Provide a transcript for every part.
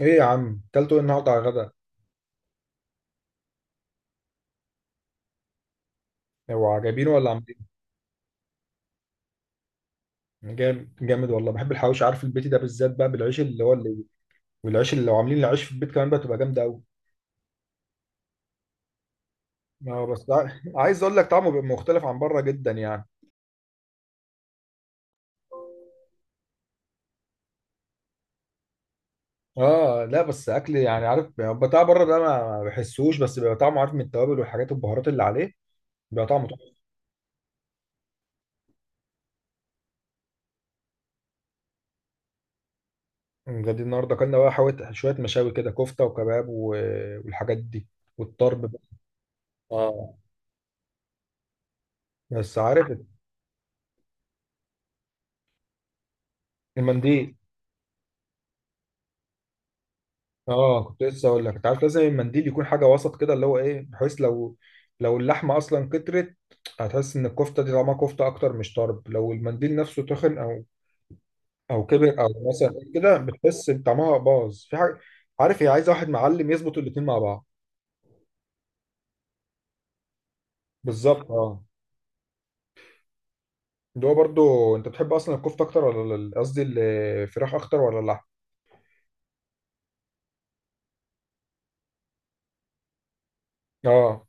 ايه يا عم اكلته ايه النهارده على الغدا؟ هو عجبينه ولا عاملين؟ جامد جامد والله، بحب الحواوشي. عارف البيتي ده بالذات بقى بالعيش اللي هو اللي والعيش اللي لو عاملين العيش في البيت كمان بقى تبقى جامده قوي. اه بس عايز اقول لك طعمه بيبقى مختلف عن بره جدا يعني. اه لا بس اكل يعني، عارف بتاع بره ده ما بحسوش، بس بيبقى طعمه عارف من التوابل والحاجات البهارات اللي عليه بيبقى طعمه. طعم غادي النهارده اكلنا بقى شويه مشاوي كده، كفته وكباب والحاجات دي والطرب بقى. اه بس عارف، المنديل. اه كنت لسه اقول لك انت عارف لازم المنديل يكون حاجه وسط كده، اللي هو ايه، بحيث لو لو اللحمه اصلا كترت هتحس ان الكفته دي طعمها كفته اكتر مش طرب. لو المنديل نفسه تخن او او كبر او مثلا كده، بتحس ان طعمها باظ في حاجه. عارف، هي عايزه واحد معلم يظبط الاتنين مع بعض. بالظبط اه. اللي هو برضو انت بتحب اصلا الكفته اكتر ولا قصدي الفراخ اكتر ولا اللحم؟ اه.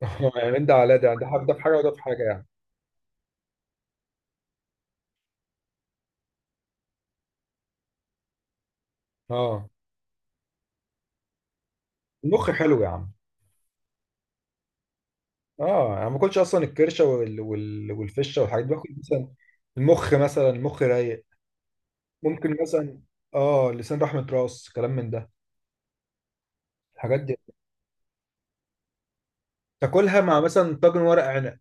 يعني من ده على ده يعني، ده في ده في حاجه وده في حاجه يعني. اه. المخ حلو يا عم. اه انا ما باكلش اصلا الكرشه والفشه والحاجات دي، باكل مثلا المخ، مثلا المخ رايق. ممكن مثلا اه، لسان، رحمه، راس، كلام من ده الحاجات دي. تاكلها مع مثلا طاجن ورق عنب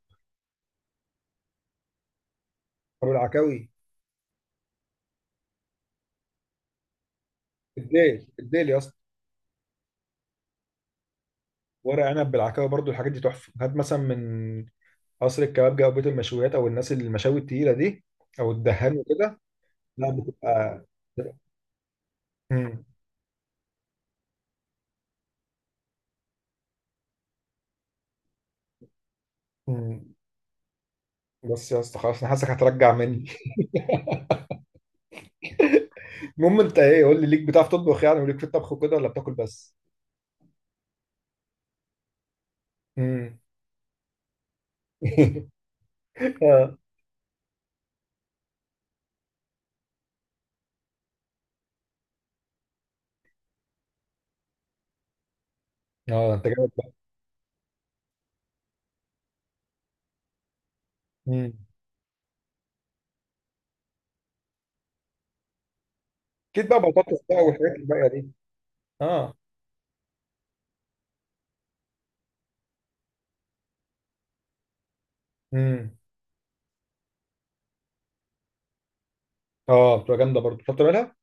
او العكاوي. الديل الديل يا اسطى. ورق عنب بالعكاوي برضو الحاجات دي تحفه، هات مثلا من قصر الكبابجي او بيت المشويات او الناس اللي المشاوي التقيله دي او الدهان وكده. لا بتبقى، مم. مم. بس يا اسطى خلاص انا حاسسك هترجع مني. المهم انت ايه؟ قول لي، ليك بتعرف تطبخ يعني، وليك في الطبخ وكده، ولا بتاكل بس؟ امم. اه. اه انت جامد بقى. امم، اكيد بقى بطاطس بقى والحاجات الباقيه دي. اه. امم. اه بتبقى جامده برضه، بتعرف تعملها.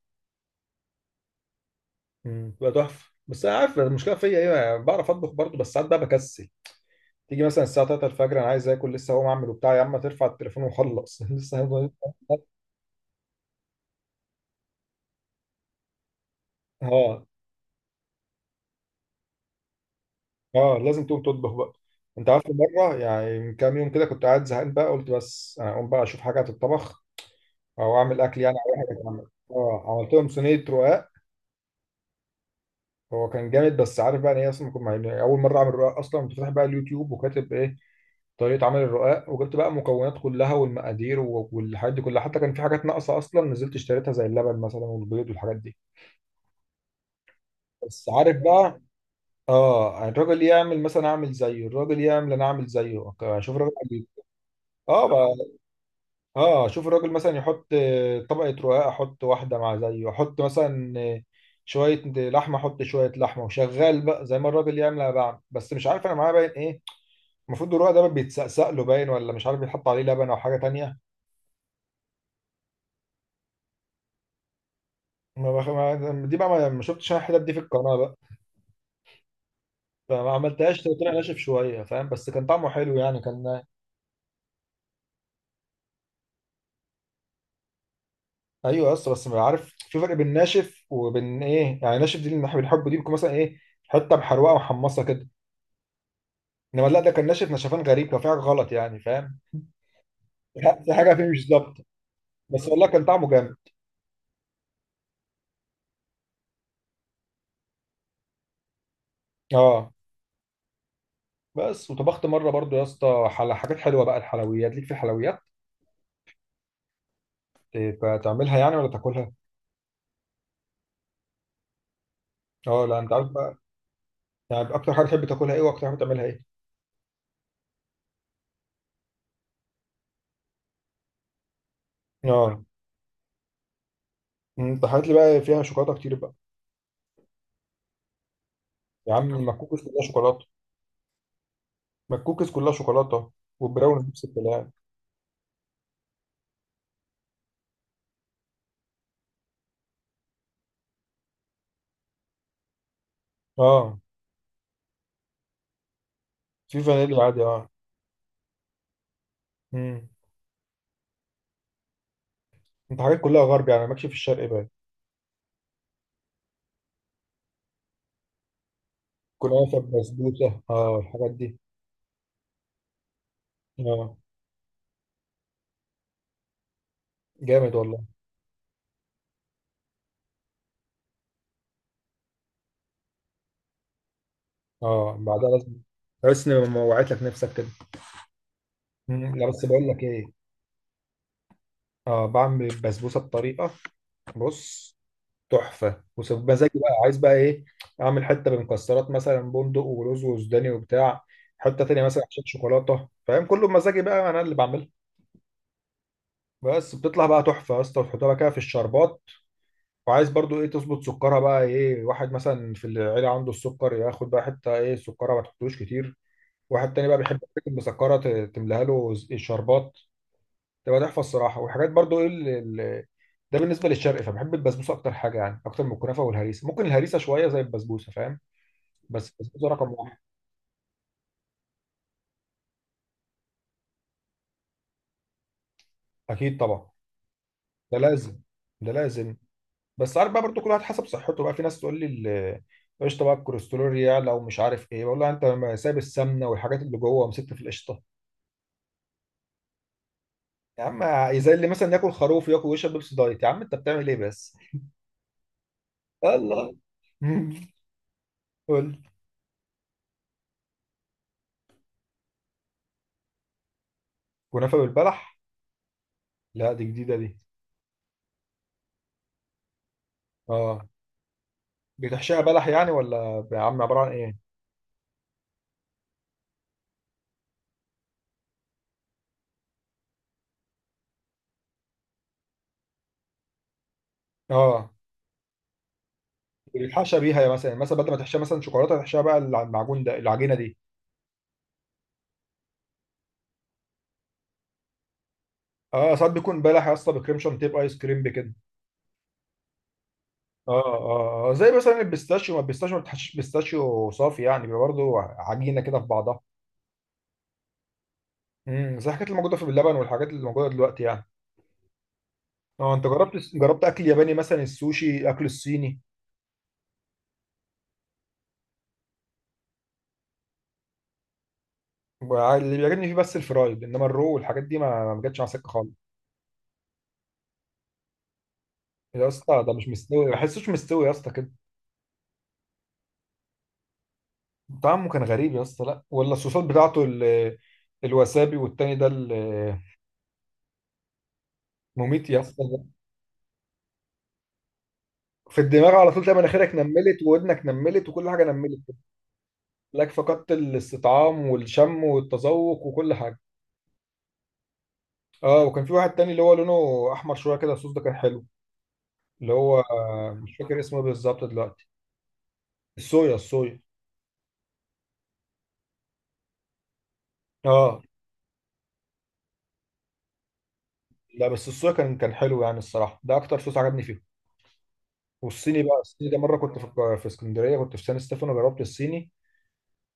امم، بتبقى تحفه. بس انا عارف المشكله فيا ايه، يعني بعرف اطبخ برضه بس ساعات بقى بكسل. تيجي مثلا الساعه 3 الفجر انا عايز اكل، لسه هقوم اعمل وبتاع، يا عم ترفع التليفون وخلص. اه. اه لازم تقوم تطبخ بقى. انت عارف مره، يعني من كام يوم كده كنت قاعد زهقان بقى، قلت بس انا اقوم بقى اشوف حاجه تتطبخ او اعمل اكل يعني، او أي حاجه تتعمل. اه عملت لهم صينيه رقاق. هو كان جامد. بس عارف بقى، ان هي اصلا كنت يعني اول مره اعمل رقاق اصلا، كنت فاتح بقى اليوتيوب وكاتب ايه، طريقه عمل الرقاق، وجبت بقى المكونات كلها والمقادير والحاجات دي كلها، حتى كان في حاجات ناقصه اصلا نزلت اشتريتها زي اللبن مثلا والبيض والحاجات دي. بس عارف بقى، اه يعني الراجل يعمل مثلا اعمل زيه، الراجل يعمل انا اعمل زيه، اشوف الراجل اه بقى، اه اشوف الراجل مثلا يحط طبقه رقاق احط واحده مع زيه، احط مثلا شويه لحمه، احط شويه لحمه، وشغال بقى زي ما الراجل يعمل انا بعمل. بس مش عارف انا معايا باين ايه، المفروض الرقع ده بيتسقسق له باين، ولا مش عارف بيتحط عليه لبن او حاجه تانية. ما بخ... ما... دي بقى ما شفتش انا الحتت دي في القناه بقى، فما عملتهاش، طلع ناشف شويه فاهم، بس كان طعمه حلو يعني كان. ايوه، بس ما عارف في فرق بين ناشف وبين ايه، يعني ناشف دي اللي احنا بنحبه دي بتكون مثلا ايه، حته محروقه ومحمصه كده. انما لا ده كان ناشف نشفان غريب، كان في حاجه غلط يعني فاهم، في حاجه فيه مش ظابطه. بس والله كان طعمه جامد. اه بس وطبخت مره برضو يا اسطى حاجات حلوه بقى، الحلويات ليك في الحلويات؟ إيه، بتعملها يعني ولا تاكلها؟ اه لا انت عارف بقى، يعني اكتر حاجه بتحب تاكلها ايه، واكتر حاجه بتعملها ايه؟ اه. انت حاجات لي بقى فيها شوكولاته كتير بقى. يا عم المكوكس كلها شوكولاته. المكوكس كلها شوكولاته، والبراونيز نفس الكلام. اه، في فانيليا عادي اه. امم. انت حاجات كلها غرب يعني، ماكش في الشرق بقى؟ كنافه، بسبوسه، اه الحاجات دي. اه، جامد والله. اه بعدها لازم تحس ان ما وعيت لك نفسك كده. مم. لا بس بقول لك ايه، اه بعمل البسبوسه بطريقه، بص، تحفه ومزاجي بقى، عايز بقى ايه، اعمل حته بمكسرات مثلا، بندق ورز وسوداني وبتاع، حته تانية مثلا عشان شوكولاته فاهم، كله بمزاجي بقى انا اللي بعمله. بس بتطلع بقى تحفه يا اسطى، وتحطها بقى كده في الشربات. وعايز برضو ايه، تظبط سكرها بقى، ايه واحد مثلا في العيله عنده السكر، ياخد بقى حته ايه سكرها ما تحطوش كتير، واحد تاني بقى بيحب الحاجات المسكره تملاها له الشربات، تبقى تحفه الصراحه. والحاجات برضو ايه ده بالنسبه للشرق. فبحب البسبوسه اكتر حاجه يعني، اكتر من الكنافه والهريسه. ممكن الهريسه شويه زي البسبوسه فاهم. بس الفلوس رقم واحد. اكيد طبعا. ده لازم، ده لازم. بس عارف بقى برضو، كل واحد حسب صحته بقى، في ناس تقول لي قشطه بقى الكوليسترول يعلى ومش عارف ايه، بقول لها انت ما سايب السمنه والحاجات اللي جوه ومسكت في القشطه يا عم؟ زي اللي مثلا ياكل خروف وياكل ويشرب بيبسي دايت، يا عم انت بتعمل ايه بس؟ الله. قول. كنافه بالبلح؟ لا دي جديده دي. اه بتحشيها بلح يعني، ولا يا عم عباره عن ايه؟ اه بتحشى بيها، يا مثلا مثلا بدل ما تحشيها مثلا شوكولاته، تحشيها بقى المعجون ده العجينه دي. اه ساعات بيكون بلح يا اسطى بكريم شانتيه، ايس كريم، بكده. اه اه زي مثلا البيستاشيو، ما البيستاشيو ما بتحشيش بيستاشيو صافي يعني، بيبقى برضه عجينه كده في بعضها. امم، زي الحاجات اللي موجوده في اللبن والحاجات اللي موجوده دلوقتي يعني. اه انت جربت، جربت اكل ياباني مثلا، السوشي، اكل الصيني؟ اللي بيعجبني فيه بس الفرايد، انما الرو والحاجات دي ما جاتش على سكه خالص. يا اسطى ده مش مستوي، ما بحسوش مستوي يا اسطى كده. طعمه كان غريب يا اسطى، لا ولا الصوصات بتاعته الوسابي والتاني ده مميت يا اسطى. في الدماغ على طول، تلاقي مناخيرك نملت وودنك نملت وكل حاجه نملت لك، فقدت الاستطعام والشم والتذوق وكل حاجه. اه. وكان في واحد تاني اللي هو لونه احمر شويه كده، الصوص ده كان حلو، اللي هو مش فاكر اسمه إيه بالظبط دلوقتي. الصويا، الصويا. اه لا بس الصويا كان كان حلو يعني الصراحه، ده اكتر صوص عجبني فيه. والصيني بقى، الصيني ده مره كنت في في اسكندريه، كنت في سان ستيفانو جربت الصيني.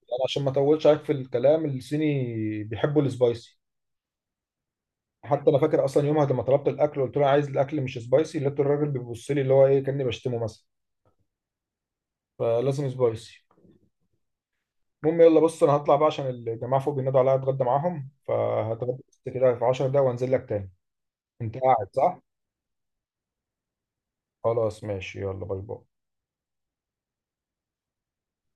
انا عشان ما اطولش عليك في الكلام، الصيني بيحبوا السبايسي. حتى انا فاكر اصلا يومها لما طلبت الاكل قلت له عايز الاكل مش سبايسي، لقيت الراجل بيبص لي، اللي هو ايه كاني بشتمه مثلا، فلازم سبايسي. المهم يلا، بص انا هطلع بقى عشان الجماعه فوق بينادوا عليا اتغدى معاهم، فهتغدى بس كده في 10 دقايق وانزل لك تاني. انت قاعد صح؟ خلاص ماشي، يلا باي باي.